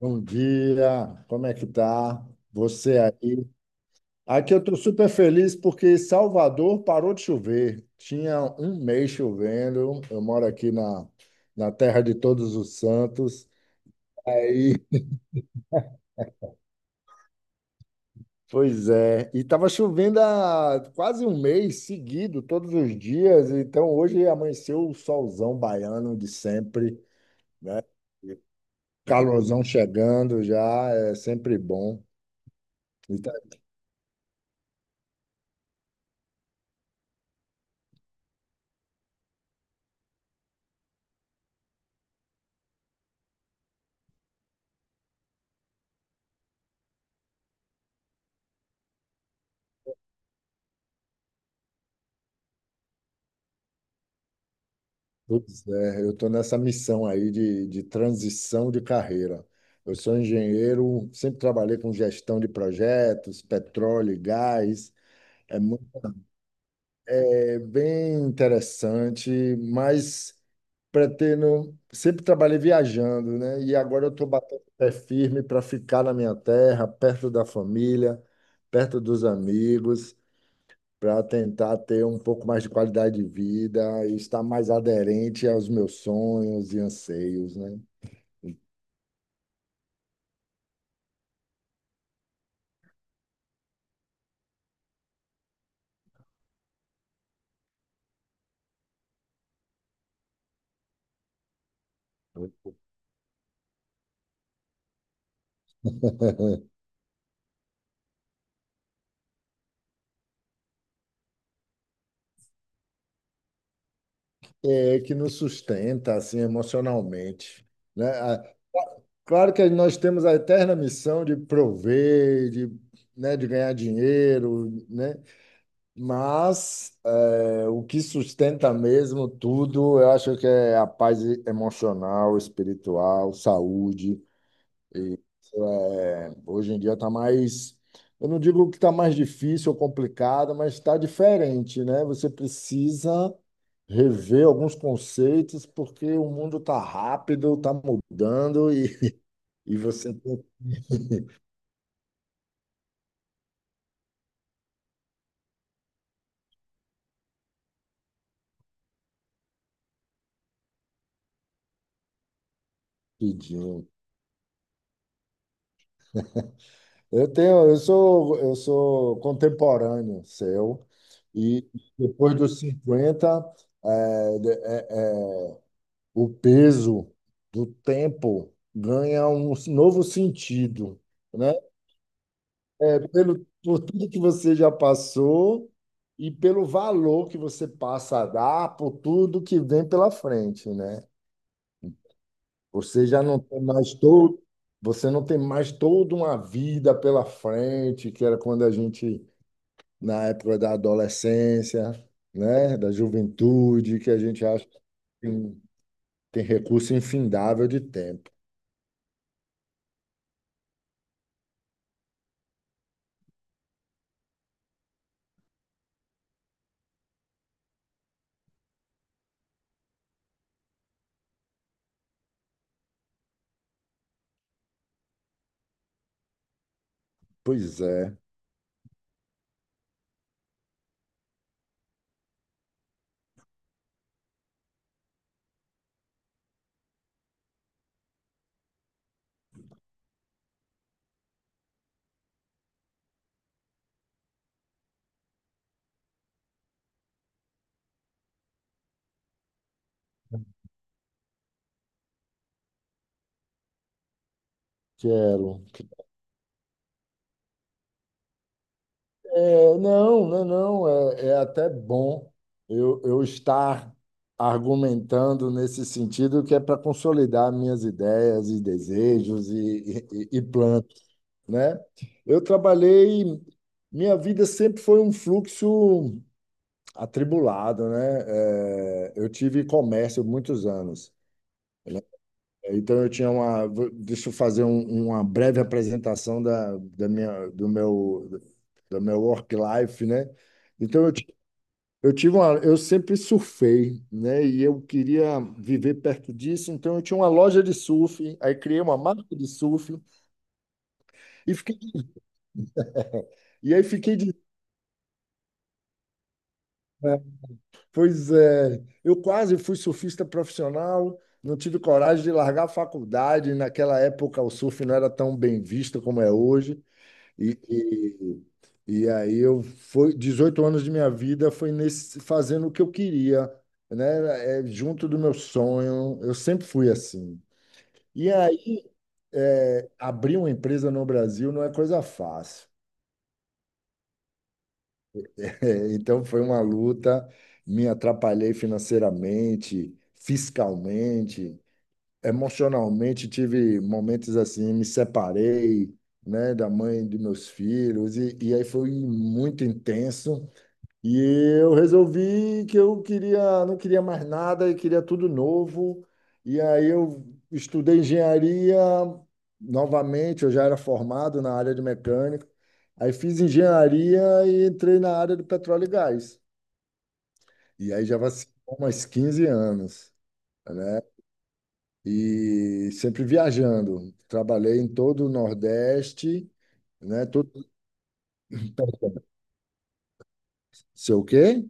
Bom dia, como é que tá? Você aí? Aqui eu estou super feliz porque Salvador parou de chover. Tinha um mês chovendo. Eu moro aqui na terra de todos os santos. Aí, pois é. E tava chovendo há quase um mês seguido, todos os dias. Então hoje amanheceu o solzão baiano de sempre, né? Calorzão chegando já, é sempre bom. Pois é, eu estou nessa missão aí de transição de carreira. Eu sou engenheiro, sempre trabalhei com gestão de projetos, petróleo e gás. É, mu- É bem interessante, mas pretendo. Sempre trabalhei viajando, né? E agora eu estou batendo o pé firme para ficar na minha terra, perto da família, perto dos amigos para tentar ter um pouco mais de qualidade de vida e estar mais aderente aos meus sonhos e anseios, né? É que nos sustenta assim emocionalmente, né? Ah, claro que nós temos a eterna missão de prover, de, né, de ganhar dinheiro, né? Mas o que sustenta mesmo tudo, eu acho que é a paz emocional, espiritual, saúde. É, hoje em dia está mais, eu não digo que está mais difícil ou complicado, mas está diferente, né? Você precisa rever alguns conceitos porque o mundo está rápido, está mudando e, e você tem que pedir. Eu tenho, eu sou contemporâneo seu e depois dos 50 é, o peso do tempo ganha um novo sentido, né? É, pelo, por tudo que você já passou e pelo valor que você passa a dar por tudo que vem pela frente, né? Você já não tem mais todo, você não tem mais toda uma vida pela frente, que era quando a gente, na época da adolescência, né? Da juventude, que a gente acha que tem, tem recurso infindável de tempo. Pois é, quero. É, não, não, não, é, é até bom eu estar argumentando nesse sentido que é para consolidar minhas ideias e desejos e planos, né? Eu trabalhei, minha vida sempre foi um fluxo atribulado, né? É, eu tive comércio muitos anos. Então eu tinha uma. Deixa eu fazer uma breve apresentação da minha, do meu work life, né? Então eu, ti- eu tive uma, eu sempre surfei, né? E eu queria viver perto disso, então eu tinha uma loja de surf, aí criei uma marca de surf e fiquei, e aí fiquei de, né? Pois é, eu quase fui surfista profissional. Não tive coragem de largar a faculdade. Naquela época, o surf não era tão bem visto como é hoje. E, e aí eu foi 18 anos de minha vida foi nesse fazendo o que eu queria, né? É, junto do meu sonho. Eu sempre fui assim. E aí é, abrir uma empresa no Brasil não é coisa fácil. É, então foi uma luta. Me atrapalhei financeiramente, fiscalmente, emocionalmente. Tive momentos assim, me separei, né, da mãe de meus filhos e aí foi muito intenso. E eu resolvi que eu queria, não queria mais nada e queria tudo novo. E aí eu estudei engenharia novamente, eu já era formado na área de mecânica. Aí fiz engenharia e entrei na área de petróleo e gás. E aí já vai ser umas 15 anos, né? E sempre viajando. Trabalhei em todo o Nordeste, né? Todo... Sei o quê?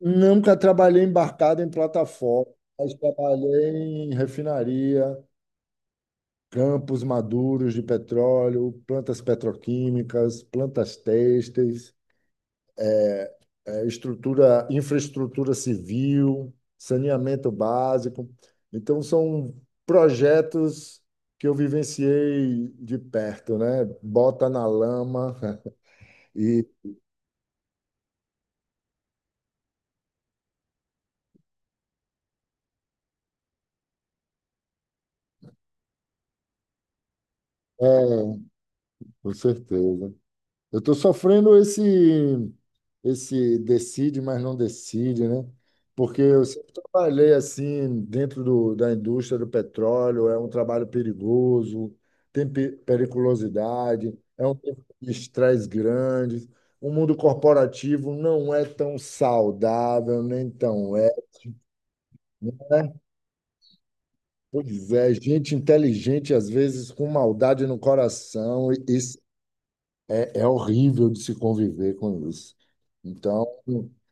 Nunca trabalhei embarcado em plataforma, mas trabalhei em refinaria, campos maduros de petróleo, plantas petroquímicas, plantas têxteis, estrutura, infraestrutura civil, saneamento básico. Então, são projetos que eu vivenciei de perto, né? Bota na lama e... É, com certeza. Eu estou sofrendo esse, esse decide, mas não decide, né? Porque eu sempre trabalhei assim dentro do, da indústria do petróleo, é um trabalho perigoso, tem periculosidade, é um tempo de estresse grande. O mundo corporativo não é tão saudável, nem tão é, né? Pois é, gente inteligente às vezes com maldade no coração e é é horrível de se conviver com isso. Então,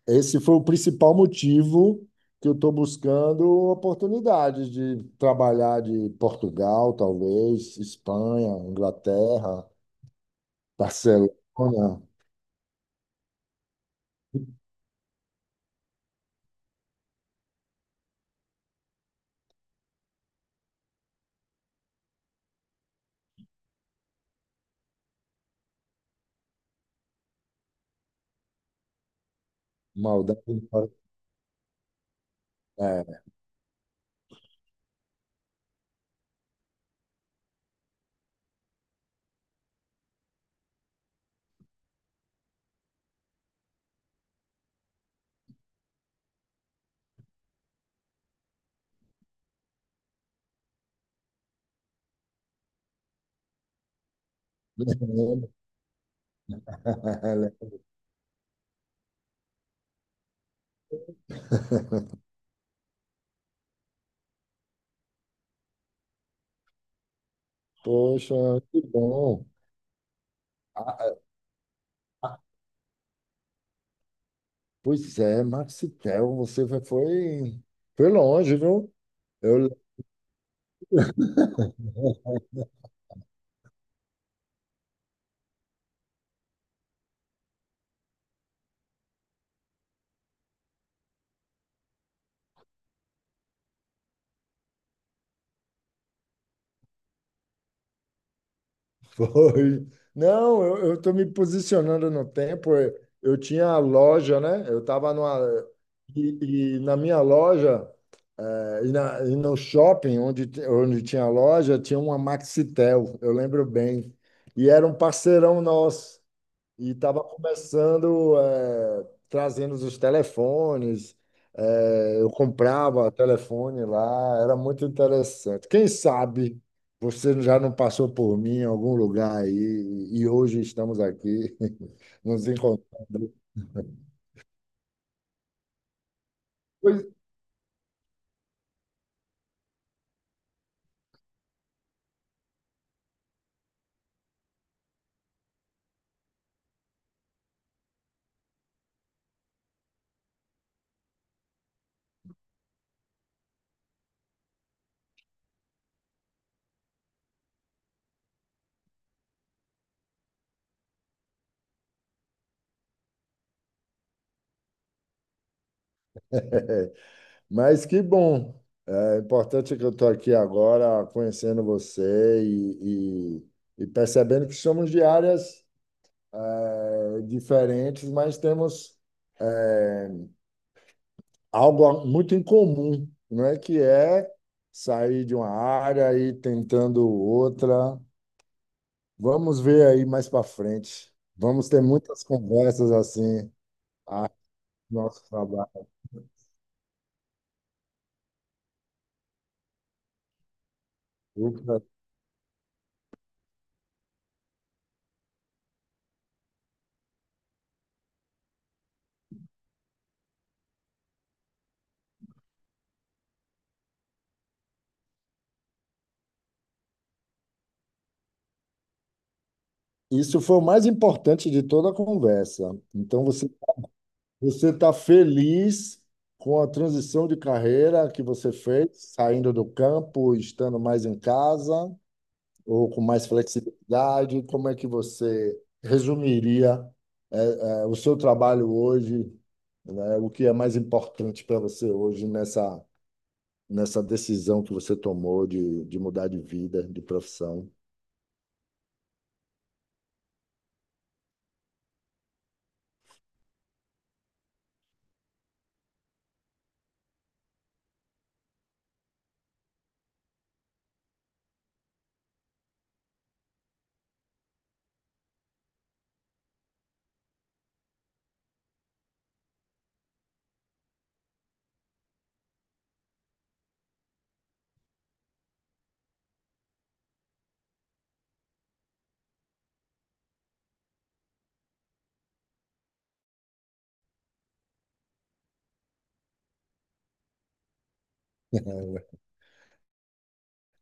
esse foi o principal motivo que eu estou buscando oportunidades de trabalhar de Portugal, talvez, Espanha, Inglaterra, Barcelona, maldade. É. Poxa, que bom. Ah, ah, pois é, Maxitel, você foi, foi longe, viu? Eu foi. Não, eu estou me posicionando no tempo. Eu tinha a loja, né? Eu estava numa. E na minha loja, e no shopping onde tinha a loja, tinha uma Maxitel, eu lembro bem. E era um parceirão nosso. E estava começando, trazendo os telefones, eu comprava telefone lá, era muito interessante. Quem sabe você já não passou por mim em algum lugar aí e hoje estamos aqui nos encontrando. Pois- Mas que bom! É importante que eu estou aqui agora conhecendo você e percebendo que somos de áreas, diferentes, mas temos eh, algo muito incomum, não é? Que é sair de uma área e ir tentando outra. Vamos ver aí mais para frente. Vamos ter muitas conversas assim, a nosso trabalho. Isso foi o mais importante de toda a conversa. Então você está feliz com a transição de carreira que você fez, saindo do campo, estando mais em casa. Ou com mais flexibilidade? Como é que você resumiria, eh, o seu trabalho hoje, né? O que é mais importante para você hoje nessa decisão que você tomou de mudar de vida, de profissão?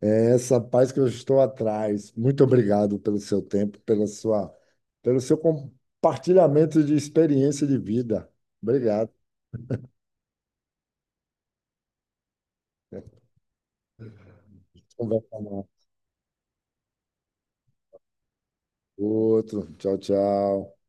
É essa paz que eu estou atrás. Muito obrigado pelo seu tempo, pela sua, pelo seu compartilhamento de experiência de vida. Obrigado. Conversa mais. Outro. Tchau, tchau.